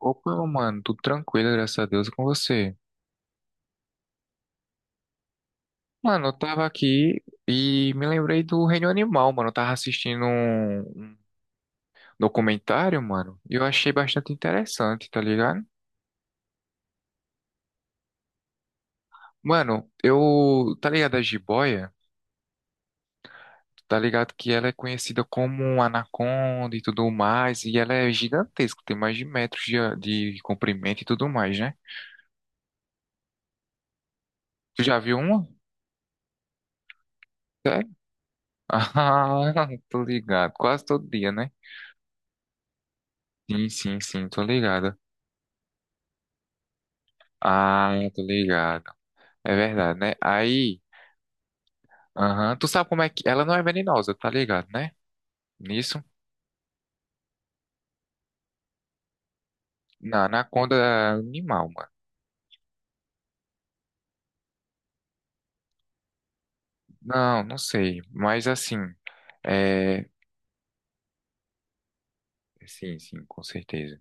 Opa, mano, tudo tranquilo, graças a Deus, e com você. Mano, eu tava aqui e me lembrei do Reino Animal, mano. Eu tava assistindo um documentário, mano, e eu achei bastante interessante, tá ligado? Mano, eu. Tá ligado a jiboia? Tá ligado que ela é conhecida como anaconda e tudo mais, e ela é gigantesca, tem mais de metros de comprimento e tudo mais, né? Tu já viu uma? Sério? Ah, tô ligado. Quase todo dia, né? Sim, sim, sim, tô ligado. Ah, tô ligado. É verdade, né? Aí, aham, tu sabe como é que. Ela não é venenosa, tá ligado, né? Nisso? Na anaconda é animal, mano. Não, não sei. Mas assim. É. Sim, sim, com certeza.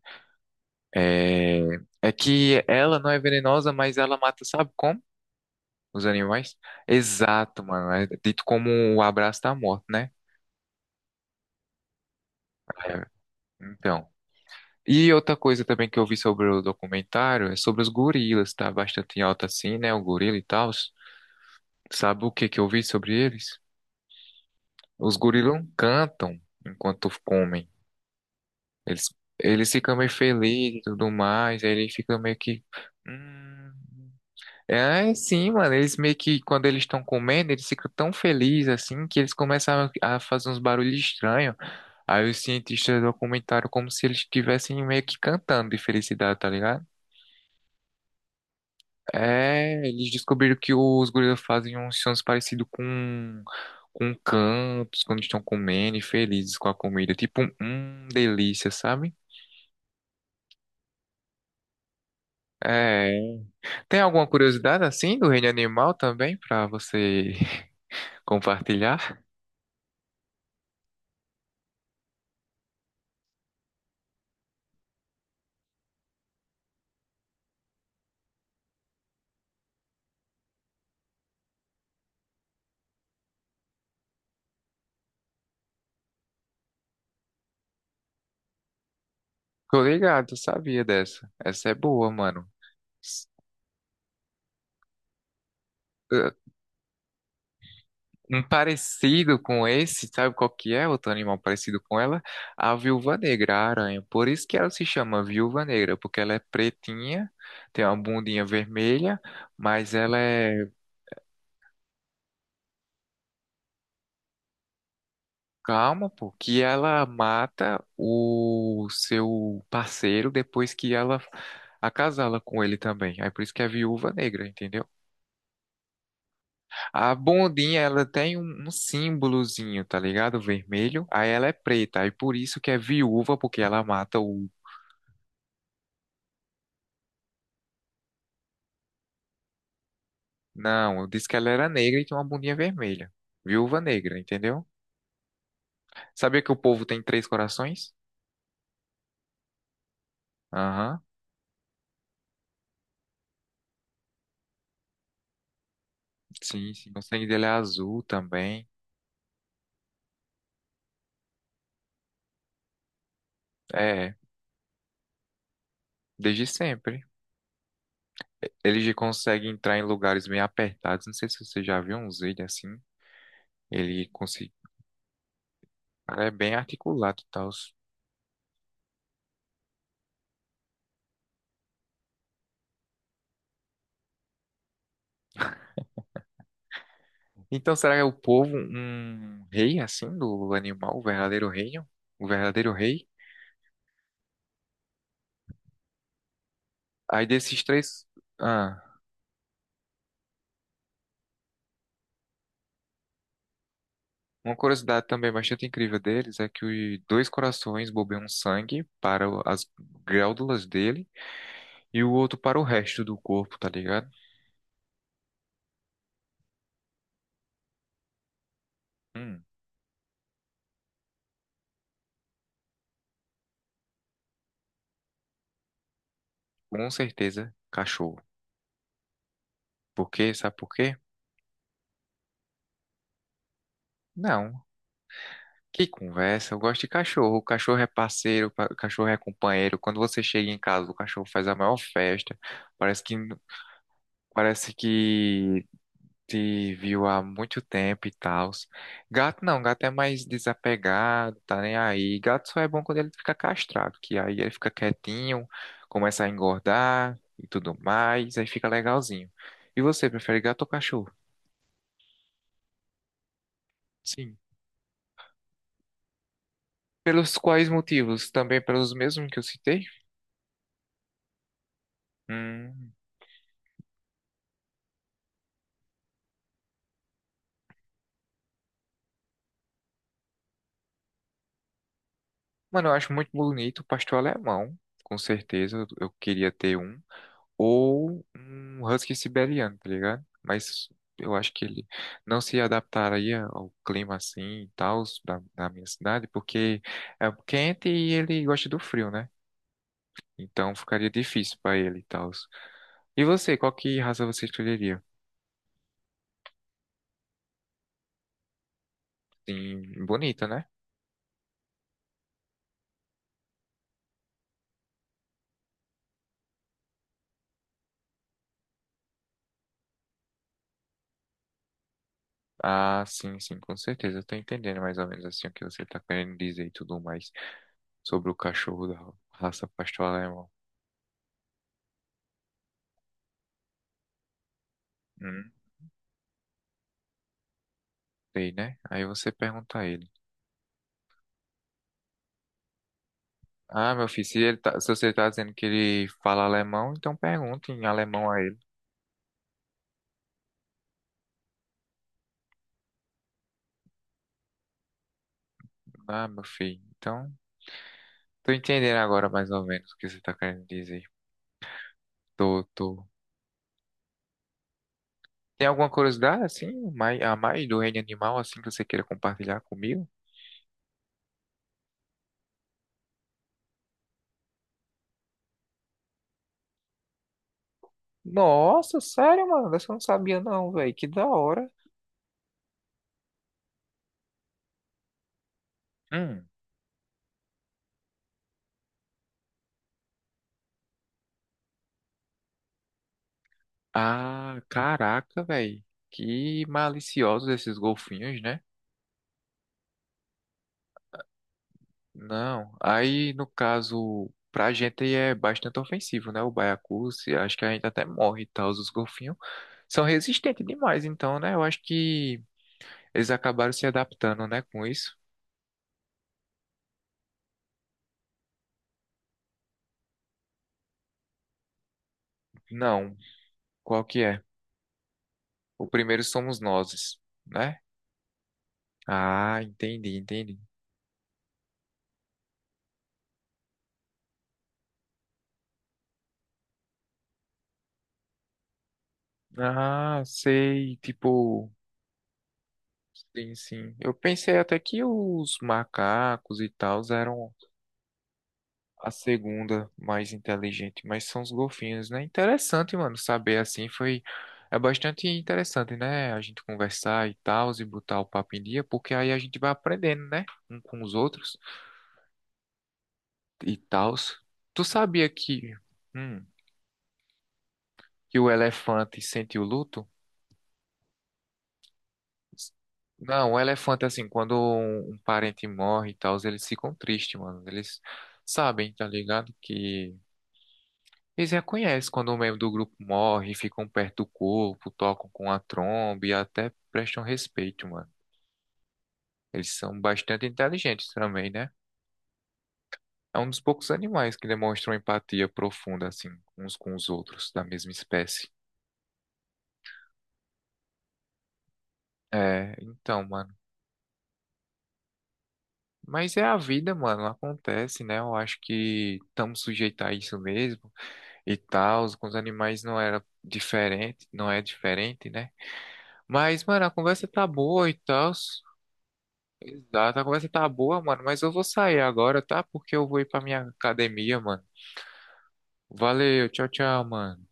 É. É que ela não é venenosa, mas ela mata, sabe como? Os animais? Exato, mano. É dito como o abraço da morte, né? É. Então. E outra coisa também que eu vi sobre o documentário é sobre os gorilas, tá bastante em alta assim, né? O gorila e tal. Sabe o que que eu vi sobre eles? Os gorilas não cantam enquanto comem. Eles, eles ficam meio felizes e tudo mais, aí eles ficam meio que. "Hum". É, é sim, mano. Eles meio que, quando eles estão comendo, eles ficam tão felizes assim que eles começam a fazer uns barulhos estranhos. Aí os cientistas documentaram como se eles estivessem meio que cantando de felicidade, tá ligado? É, eles descobriram que os gorilas fazem uns sons parecidos com cantos, quando estão comendo e felizes com a comida. Tipo, um delícia, sabe? É. Tem alguma curiosidade assim do reino animal também pra você compartilhar? Tô ligado, sabia dessa. Essa é boa, mano. Um parecido com esse, sabe qual que é outro animal parecido com ela? A viúva negra, a aranha. Por isso que ela se chama viúva negra, porque ela é pretinha, tem uma bundinha vermelha, mas ela é calma, pô, que ela mata o seu parceiro depois que ela acasala com ele também. Aí por isso que é viúva negra, entendeu? A bundinha, ela tem um símbolozinho, tá ligado? Vermelho. Aí ela é preta. Aí por isso que é viúva, porque ela mata o. Não, eu disse que ela era negra e tinha uma bundinha vermelha. Viúva negra, entendeu? Sabia que o povo tem três corações? Aham, sim, sim. O sangue dele é azul também. É, é. Desde sempre. Ele consegue entrar em lugares meio apertados. Não sei se você já viu uns vídeos assim. Ele consegue. É bem articulado e tal. Então, será que é o povo um rei, assim, do animal? O verdadeiro reino? O verdadeiro rei? Aí desses três. Ah. Uma curiosidade também bastante incrível deles é que os dois corações bombeiam sangue para o- as glândulas dele e o outro para o resto do corpo, tá ligado? Hum, com certeza, cachorro. Por quê? Sabe por quê? Não. Que conversa, eu gosto de cachorro. O cachorro é parceiro, pa- o cachorro é companheiro. Quando você chega em casa, o cachorro faz a maior festa. Parece que, parece que te viu há muito tempo e tal. Gato não, gato é mais desapegado, tá nem aí. Gato só é bom quando ele fica castrado, que aí ele fica quietinho, começa a engordar e tudo mais, aí fica legalzinho. E você, prefere gato ou cachorro? Sim. Pelos quais motivos? Também pelos mesmos que eu citei? Hum. Mano, eu acho muito bonito o pastor é alemão, com certeza, eu queria ter um. Ou um husky siberiano, tá ligado? Mas eu acho que ele não se adaptaria ao clima assim e tal da minha cidade, porque é quente e ele gosta do frio, né? Então ficaria difícil pra ele e tal. E você, qual que raça você escolheria? Sim, bonita, né? Ah, sim, sim, com certeza. Eu tô entendendo mais ou menos assim o que você tá querendo dizer e tudo mais sobre o cachorro da raça pastor alemão. Hum, sei, né? Aí você pergunta a ele. Ah, meu filho, se, ele tá- se você tá dizendo que ele fala alemão, então pergunta em alemão a ele. Ah, meu filho, então tô entendendo agora mais ou menos o que você tá querendo dizer. Tô, tô. Tem alguma curiosidade, assim, mai- a mais do reino animal, assim, que você queira compartilhar comigo? Nossa, sério, mano, dessa eu não sabia não, velho, que da hora. Hum. Ah, caraca, velho, que maliciosos esses golfinhos, né? Não, aí no caso, pra gente é bastante ofensivo, né? O baiacu, se- acho que a gente até morre e tal, os golfinhos são resistentes demais, então, né? Eu acho que eles acabaram se adaptando, né, com isso. Não, qual que é? O primeiro somos nós, né? Ah, entendi, entendi. Ah, sei, tipo, sim, sim. Eu pensei até que os macacos e tal eram a segunda, mais inteligente, mas são os golfinhos, né? Interessante, mano, saber assim foi. É bastante interessante, né? A gente conversar e tal, e botar o papo em dia, porque aí a gente vai aprendendo, né? Um com os outros e tal. Tu sabia hum, que o elefante sente o luto? Não, o elefante, assim, quando um parente morre e tal, eles ficam tristes, mano. Eles sabem, tá ligado? Que eles reconhecem quando um membro do grupo morre, ficam perto do corpo, tocam com a tromba e até prestam respeito, mano. Eles são bastante inteligentes também, né? É um dos poucos animais que demonstram empatia profunda, assim, uns com os outros, da mesma espécie. É, então, mano. Mas é a vida, mano, acontece, né? Eu acho que estamos sujeitos a isso mesmo e tal. Com os animais não era diferente, não é diferente, né? Mas, mano, a conversa tá boa e tal. Exato, a conversa tá boa, mano, mas eu vou sair agora, tá? Porque eu vou ir pra minha academia, mano. Valeu, tchau, tchau, mano.